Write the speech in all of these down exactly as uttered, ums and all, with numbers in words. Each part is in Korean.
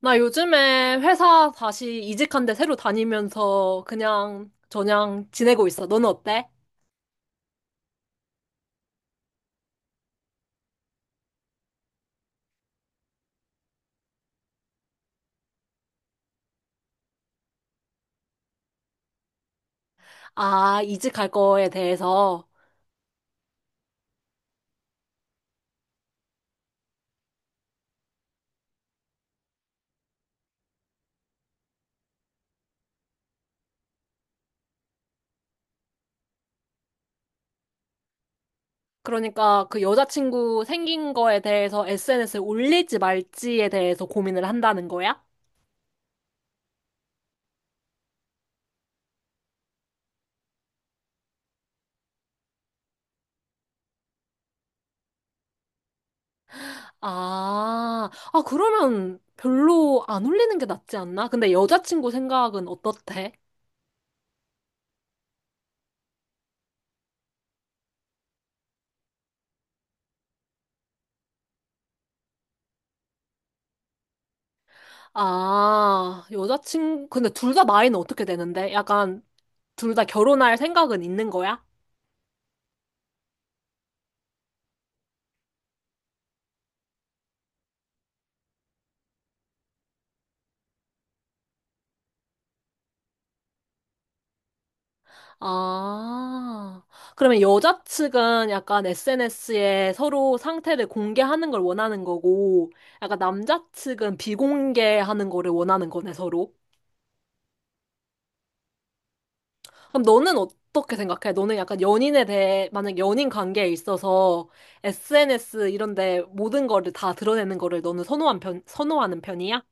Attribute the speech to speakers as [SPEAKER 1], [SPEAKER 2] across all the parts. [SPEAKER 1] 나 요즘에 회사 다시 이직한 데 새로 다니면서 그냥 저냥 지내고 있어. 너는 어때? 아, 이직할 거에 대해서. 그러니까 그 여자친구 생긴 거에 대해서 에스엔에스에 올릴지 말지에 대해서 고민을 한다는 거야? 아, 아, 그러면 별로 안 올리는 게 낫지 않나? 근데 여자친구 생각은 어떻대? 아, 여자친구, 근데 둘 다 나이는 어떻게 되는데? 약간 둘 다 결혼할 생각은 있는 거야? 아, 그러면 여자 측은 약간 에스엔에스에 서로 상태를 공개하는 걸 원하는 거고, 약간 남자 측은 비공개하는 거를 원하는 거네, 서로. 그럼 너는 어떻게 생각해? 너는 약간 연인에 대해, 만약 연인 관계에 있어서 에스엔에스 이런 데 모든 거를 다 드러내는 거를 너는 선호한 편, 선호하는 편이야?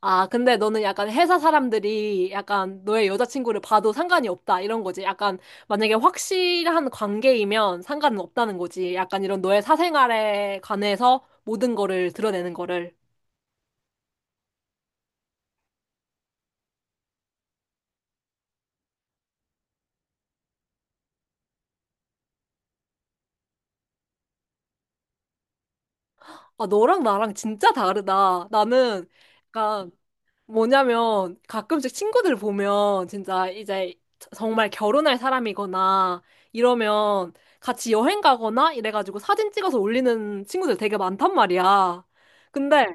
[SPEAKER 1] 아, 근데 너는 약간 회사 사람들이 약간 너의 여자친구를 봐도 상관이 없다, 이런 거지. 약간 만약에 확실한 관계이면 상관은 없다는 거지. 약간 이런 너의 사생활에 관해서 모든 거를 드러내는 거를. 아, 너랑 나랑 진짜 다르다. 나는 약간 뭐냐면 가끔씩 친구들 보면 진짜 이제 정말 결혼할 사람이거나 이러면 같이 여행 가거나 이래가지고 사진 찍어서 올리는 친구들 되게 많단 말이야. 근데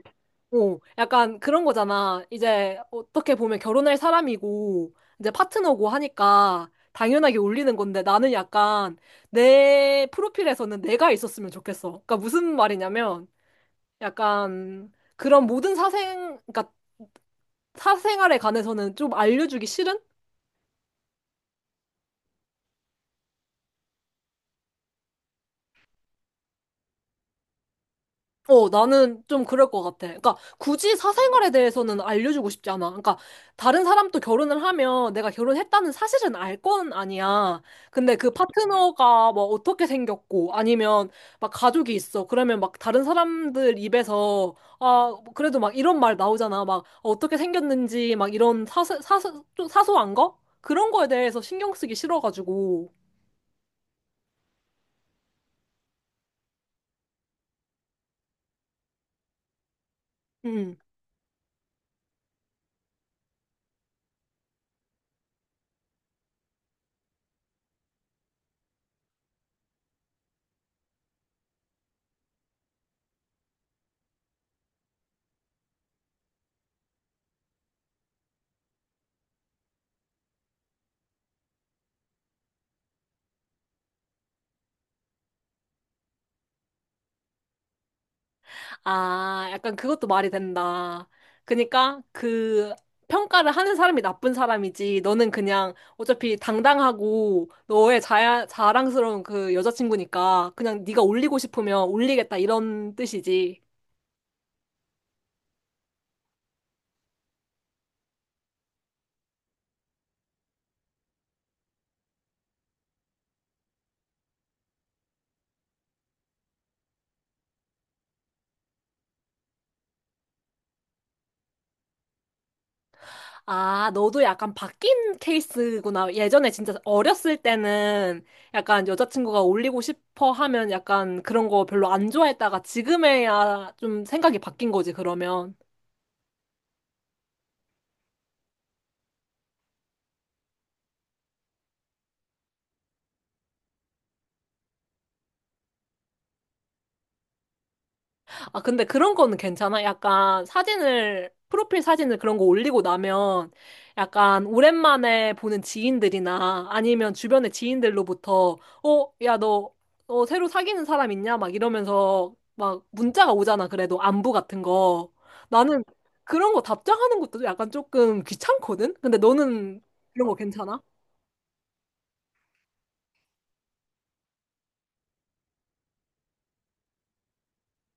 [SPEAKER 1] 어, 약간 그런 거잖아. 이제 어떻게 보면 결혼할 사람이고 이제 파트너고 하니까 당연하게 올리는 건데 나는 약간 내 프로필에서는 내가 있었으면 좋겠어. 그러니까 무슨 말이냐면 약간 그런 모든 사생, 그러니까 사생활에 관해서는 좀 알려주기 싫은? 어, 나는 좀 그럴 것 같아. 그러니까 굳이 사생활에 대해서는 알려주고 싶지 않아. 그러니까 다른 사람도 결혼을 하면 내가 결혼했다는 사실은 알 건 아니야. 근데 그 파트너가 뭐 어떻게 생겼고 아니면 막 가족이 있어. 그러면 막 다른 사람들 입에서 아, 그래도 막 이런 말 나오잖아. 막 어떻게 생겼는지 막 이런 사소, 사소, 좀 사소한 거? 그런 거에 대해서 신경 쓰기 싫어가지고. 음. 아, 약간 그것도 말이 된다. 그니까 그 평가를 하는 사람이 나쁜 사람이지. 너는 그냥 어차피 당당하고 너의 자, 자랑스러운 그 여자친구니까 그냥 네가 올리고 싶으면 올리겠다 이런 뜻이지. 아, 너도 약간 바뀐 케이스구나. 예전에 진짜 어렸을 때는 약간 여자친구가 올리고 싶어 하면 약간 그런 거 별로 안 좋아했다가 지금에야 좀 생각이 바뀐 거지, 그러면. 아, 근데 그런 거는 괜찮아? 약간 사진을, 프로필 사진을 그런 거 올리고 나면 약간 오랜만에 보는 지인들이나 아니면 주변의 지인들로부터 어, 야, 너, 어, 새로 사귀는 사람 있냐? 막 이러면서 막 문자가 오잖아. 그래도 안부 같은 거. 나는 그런 거 답장하는 것도 약간 조금 귀찮거든? 근데 너는 그런 거 괜찮아?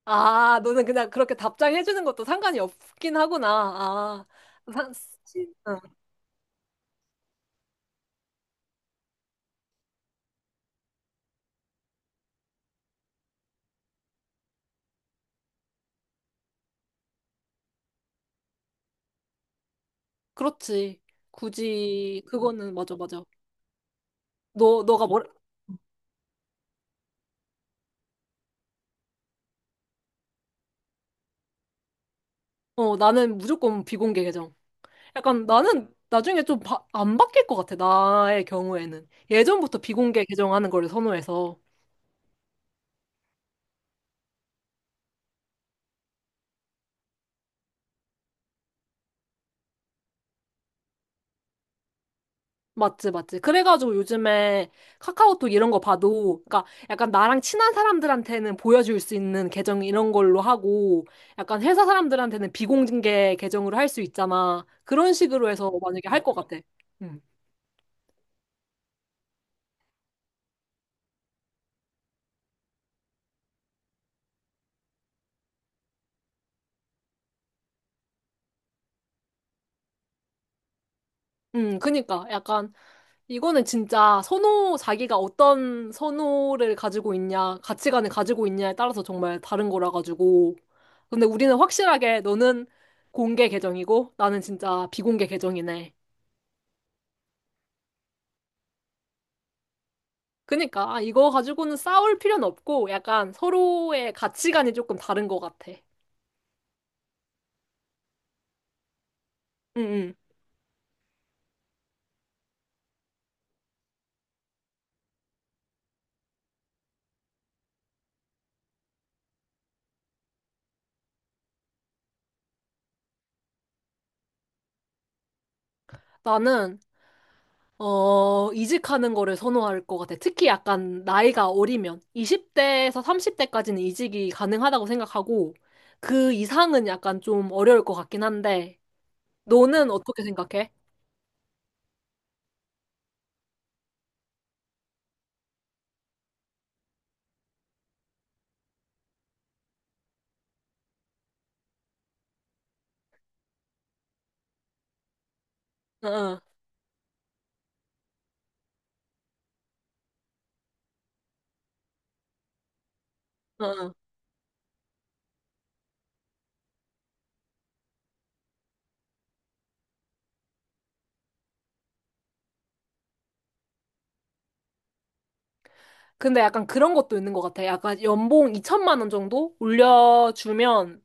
[SPEAKER 1] 아, 너는 그냥 그렇게 답장해주는 것도 상관이 없긴 하구나. 아, 사, 그렇지. 굳이 그거는 맞아 맞아. 너 너가 뭐라? 어, 나는 무조건 비공개 계정. 약간 나는 나중에 좀 안 바뀔 것 같아. 나의 경우에는 예전부터 비공개 계정 하는 거를 선호해서. 맞지 맞지. 그래가지고 요즘에 카카오톡 이런 거 봐도 그러니까 약간 나랑 친한 사람들한테는 보여줄 수 있는 계정 이런 걸로 하고 약간 회사 사람들한테는 비공개 계정으로 할 수 있잖아. 그런 식으로 해서 만약에 할 것 같아. 음. 음, 그니까 약간 이거는 진짜 선호, 자기가 어떤 선호를 가지고 있냐, 가치관을 가지고 있냐에 따라서 정말 다른 거라 가지고. 근데 우리는 확실하게 너는 공개 계정이고 나는 진짜 비공개 계정이네. 그니까 아, 이거 가지고는 싸울 필요는 없고 약간 서로의 가치관이 조금 다른 것 같아. 응, 응. 나는 어, 이직하는 거를 선호할 것 같아. 특히 약간 나이가 어리면 이십 대에서 삼십 대까지는 이직이 가능하다고 생각하고 그 이상은 약간 좀 어려울 것 같긴 한데 너는 어떻게 생각해? 응, 응, 응. 응. 근데 약간 그런 것도 있는 것 같아. 약간 연봉 이천만 원 정도 올려주면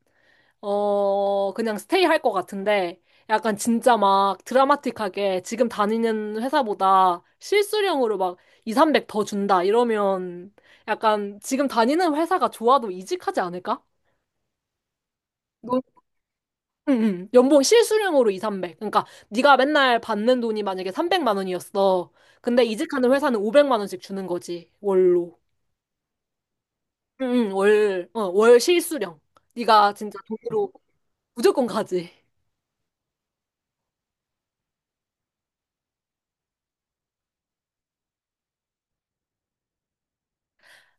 [SPEAKER 1] 어, 그냥 스테이 할 것 같은데, 약간 진짜 막 드라마틱하게 지금 다니는 회사보다 실수령으로 막 이, 삼백 더 준다, 이러면 약간 지금 다니는 회사가 좋아도 이직하지 않을까? 너- 응, 응. 연봉 실수령으로 이, 삼백. 그러니까 네가 맨날 받는 돈이 만약에 삼백만 원이었어. 근데 이직하는 회사는 오백만 원씩 주는 거지, 월로. 응, 응, 월, 어, 월 실수령. 네가 진짜 돈으로 무조건 가지.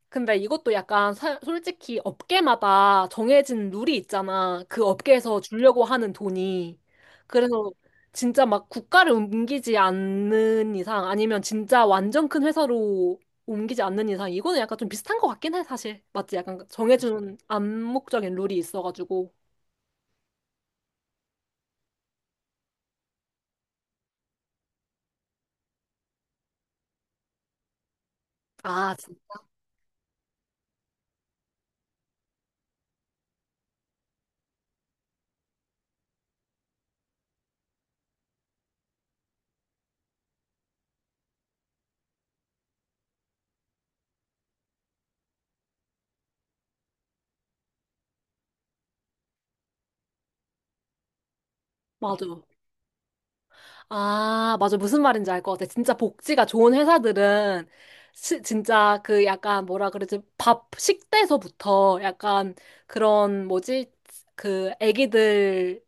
[SPEAKER 1] 근데 이것도 약간 사- 솔직히 업계마다 정해진 룰이 있잖아. 그 업계에서 주려고 하는 돈이. 그래서 진짜 막 국가를 옮기지 않는 이상 아니면 진짜 완전 큰 회사로 옮기지 않는 이상 이거는 약간 좀 비슷한 것 같긴 해, 사실. 맞지? 약간 정해준 암묵적인 룰이 있어가지고. 아, 진- 맞아. 아, 맞아. 무슨 말인지 알 것 같아. 진짜 복지가 좋은 회사들은 시- 진짜 그 약간 뭐라 그러지? 밥 식대서부터 약간 그런 뭐지? 그 애기들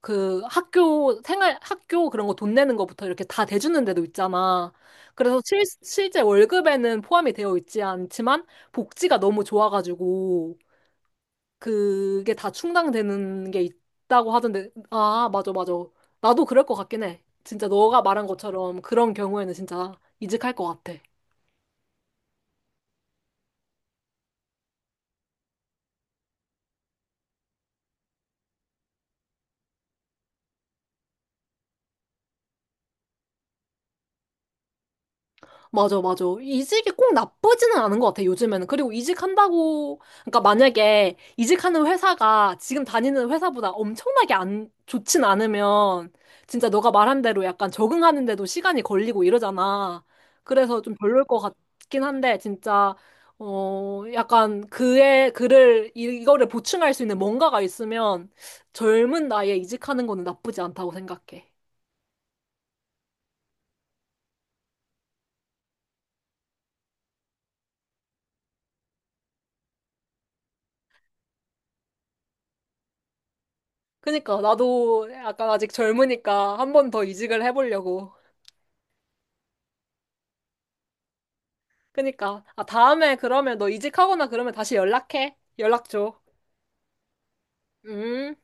[SPEAKER 1] 그 학교 생활 학교 그런 거 돈 내는 거부터 이렇게 다 대주는 데도 있잖아. 그래서 실, 실제 월급에는 포함이 되어 있지 않지만 복지가 너무 좋아가지고 그게 다 충당되는 게 있다고 하던데, 아, 맞아, 맞아. 나도 그럴 것 같긴 해. 진짜 너가 말한 것처럼 그런 경우에는 진짜 이직할 것 같아. 맞아, 맞아. 이직이 꼭 나쁘지는 않은 것 같아, 요즘에는. 그리고 이직한다고, 그러니까 만약에 이직하는 회사가 지금 다니는 회사보다 엄청나게 안 좋진 않으면, 진짜 너가 말한 대로 약간 적응하는데도 시간이 걸리고 이러잖아. 그래서 좀 별로일 것 같긴 한데, 진짜, 어, 약간 그의, 그를, 이- 이거를 보충할 수 있는 뭔가가 있으면, 젊은 나이에 이직하는 거는 나쁘지 않다고 생각해. 그니까 나도 약간 아직 젊으니까 한 번 더 이직을 해보려고. 그니까 아 다음에 그러면 너 이직하거나 그러면 다시 연락해. 연락 줘. 음.